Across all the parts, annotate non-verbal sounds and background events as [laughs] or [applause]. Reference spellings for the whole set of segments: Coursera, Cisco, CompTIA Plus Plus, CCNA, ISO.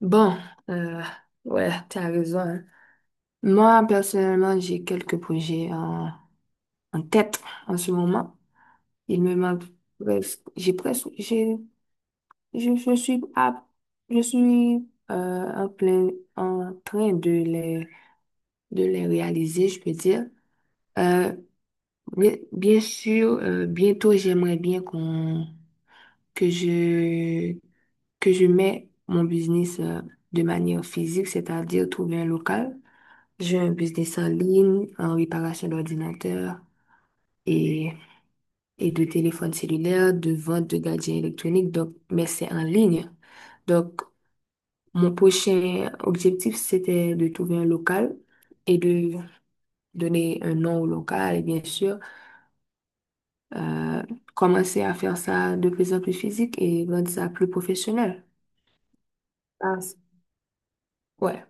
Bon, euh, ouais, tu as raison, hein. Moi, personnellement, j'ai quelques projets en, en tête en ce moment. Il me manque presque, j'ai, je suis à, je suis en plein, en train de les réaliser, je peux dire. Euh, bien sûr, bientôt, j'aimerais bien que je, que je mets mon business, de manière physique, c'est-à-dire trouver un local. J'ai un business en ligne, en réparation d'ordinateurs et, et de téléphones cellulaires, de vente de gadgets électroniques, donc, mais c'est en ligne. Donc, mon prochain objectif, c'était de trouver un local et de donner un nom au local et bien sûr, euh, commencer à faire ça de plus en plus physique et rendre ça plus professionnel. Ah, ouais.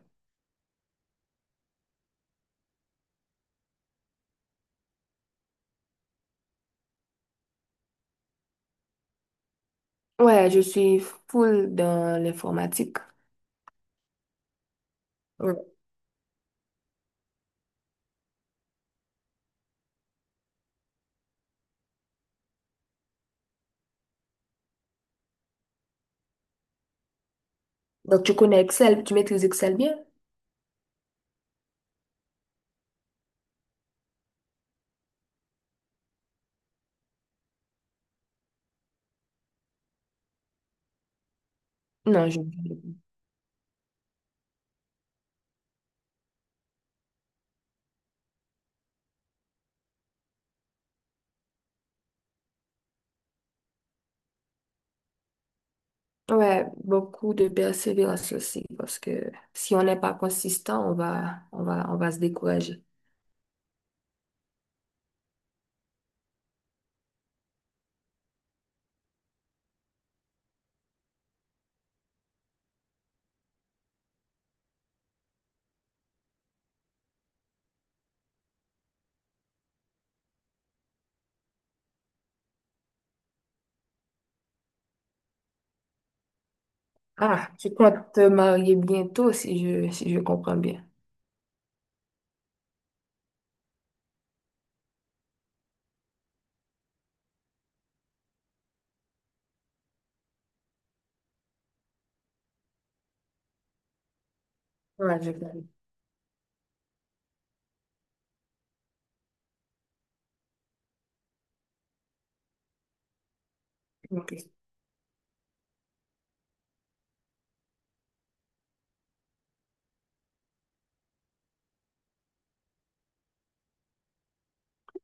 Ouais, je suis full dans l'informatique. Ouais. Donc, tu connais Excel, tu maîtrises Excel bien? Non, je... Ouais, beaucoup de persévérance aussi, parce que si on n'est pas consistant, on va se décourager. Ah, tu comptes te marier bientôt, si je comprends bien. Ouais, je vais. Ok.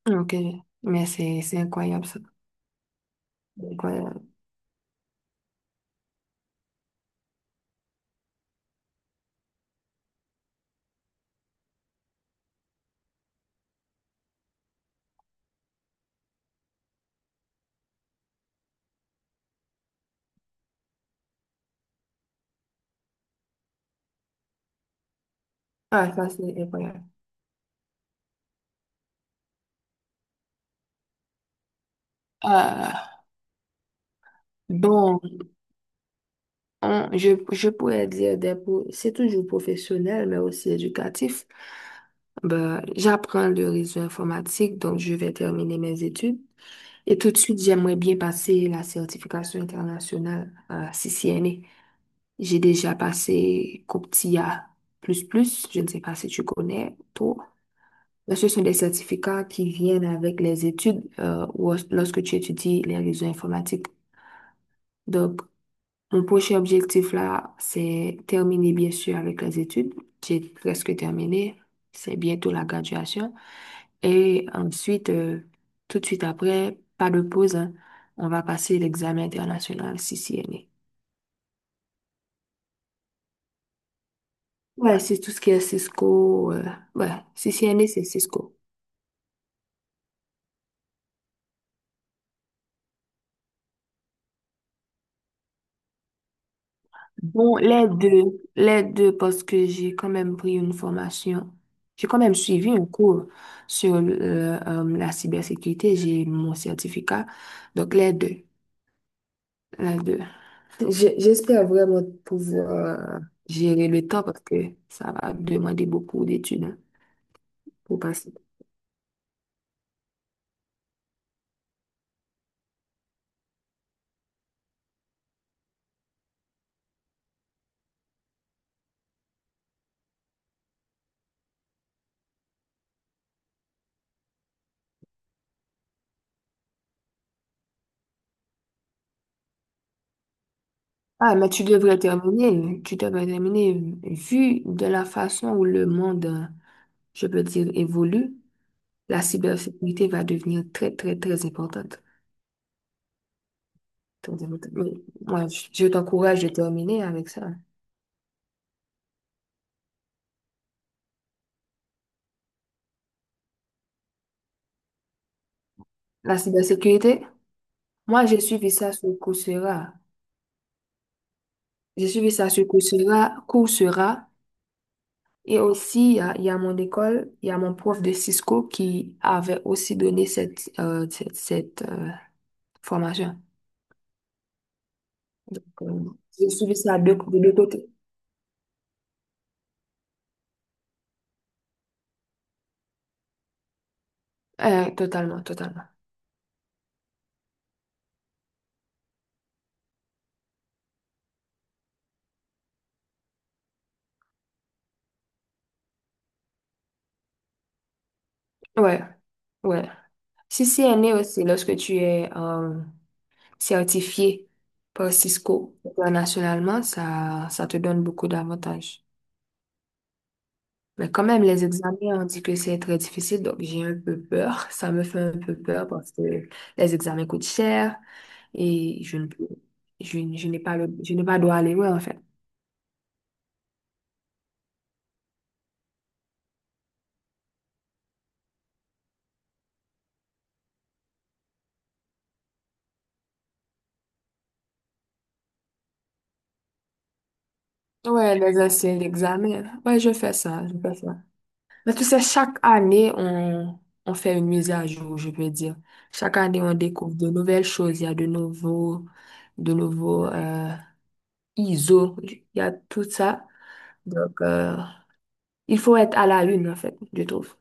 Ok, mais c'est incroyable ça. C'est incroyable. Ah, ça, c'est incroyable. Ah, donc. Je pourrais dire des, c'est toujours professionnel, mais aussi éducatif. Ben, j'apprends le réseau informatique, donc je vais terminer mes études. Et tout de suite, j'aimerais bien passer la certification internationale à CCNA. J'ai déjà passé comptia plus plus, je ne sais pas si tu connais, toi. Mais ce sont des certificats qui viennent avec les études, ou lorsque tu étudies les réseaux informatiques. Donc, mon prochain objectif là, c'est terminer bien sûr avec les études. J'ai presque terminé. C'est bientôt la graduation. Et ensuite, tout de suite après, pas de pause, hein, on va passer l'examen international CCNA. Ouais, c'est tout ce qui est Cisco. Ouais, CCNA, c'est Cisco. Bon, les deux, parce que j'ai quand même pris une formation. J'ai quand même suivi un cours sur la cybersécurité. J'ai mon certificat. Donc, les deux, les deux. J'espère vraiment pouvoir gérer le temps, parce que ça va demander beaucoup d'études, hein, pour passer. Ah, mais tu devrais terminer. Tu devrais terminer. Vu de la façon où le monde, je peux dire, évolue, la cybersécurité va devenir très, très, très importante. Pour dire- oui. Moi, je t'encourage de terminer avec ça. La cybersécurité, moi, j'ai suivi ça sur Coursera. J'ai suivi ça sur Coursera, Coursera. Et aussi, il y a mon école, il y a mon prof de Cisco qui avait aussi donné cette, cette, formation. Donc, euh, J'ai suivi ça de deux côtés. Totalement, totalement. Ouais, ouais. Si c'est né aussi, lorsque tu es, certifié par Cisco internationalement, ça te donne beaucoup d'avantages. Mais quand même, les examens, on dit que c'est très difficile, donc j'ai un peu peur. [laughs] Ça me fait un peu peur parce que les examens coûtent cher et je n'ai pas je n'ai pas droit à l'erreur, en fait. Ouais, les anciens examens. Ouais, je fais ça, je fais ça. Mais tu sais, on fait une mise à jour, je peux dire. Chaque année, on découvre de nouvelles choses. Il y a de nouveaux, de nouveaux, euh, ISO, il y a tout ça. Donc, il faut être à la une, en fait, je trouve.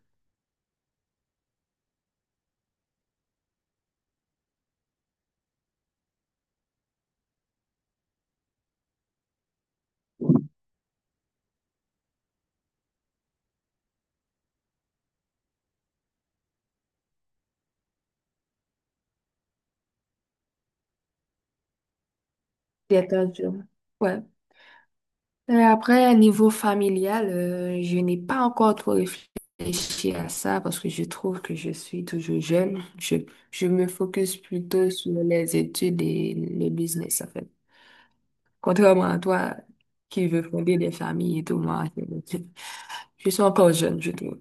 D'être un jeune. Ouais. Et après, niveau familial, je n'ai pas encore trop réfléchi à ça parce que je trouve que je suis toujours jeune. Je me focus plutôt sur les études et le business, en fait. Contrairement à toi qui veux fonder des familles et tout, moi, je je suis encore jeune, je trouve.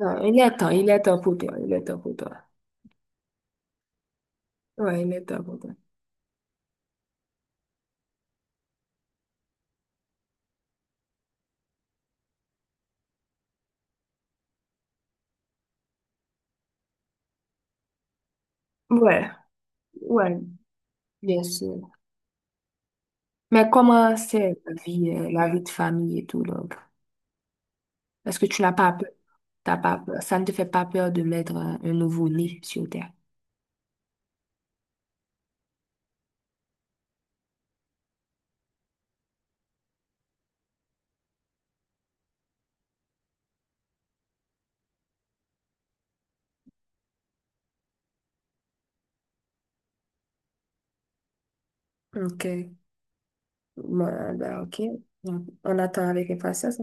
Non, il est temps pour toi, il est temps pour toi. Ouais, il est temps pour toi. Ouais. Ouais, bien sûr. Mais comment c'est la vie de famille et tout, donc? Est-ce que tu n'as pas peur? T'as pas peur? Ça ne te fait pas peur de mettre un nouveau-né sur terre? OK. Bon, ben, OK. Donc, on attend avec impatience.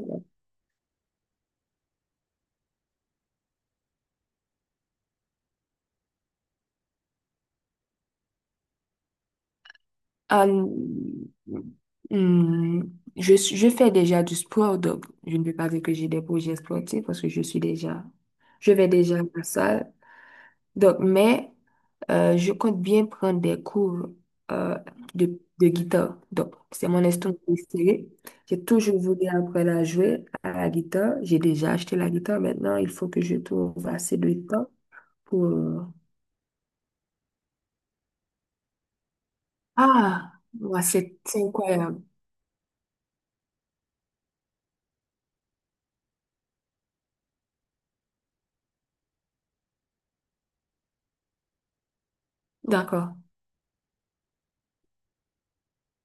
Ah, hmm, je fais déjà du sport, donc je ne peux pas dire que j'ai des projets sportifs parce que je suis déjà, je vais déjà à la salle. Donc, mais je compte bien prendre des cours, euh, de guitare. Donc, c'est mon instrument préféré. J'ai toujours voulu apprendre à jouer à la guitare. J'ai déjà acheté la guitare. Maintenant, il faut que je trouve assez de temps pour... ah, ouais, c'est incroyable. D'accord.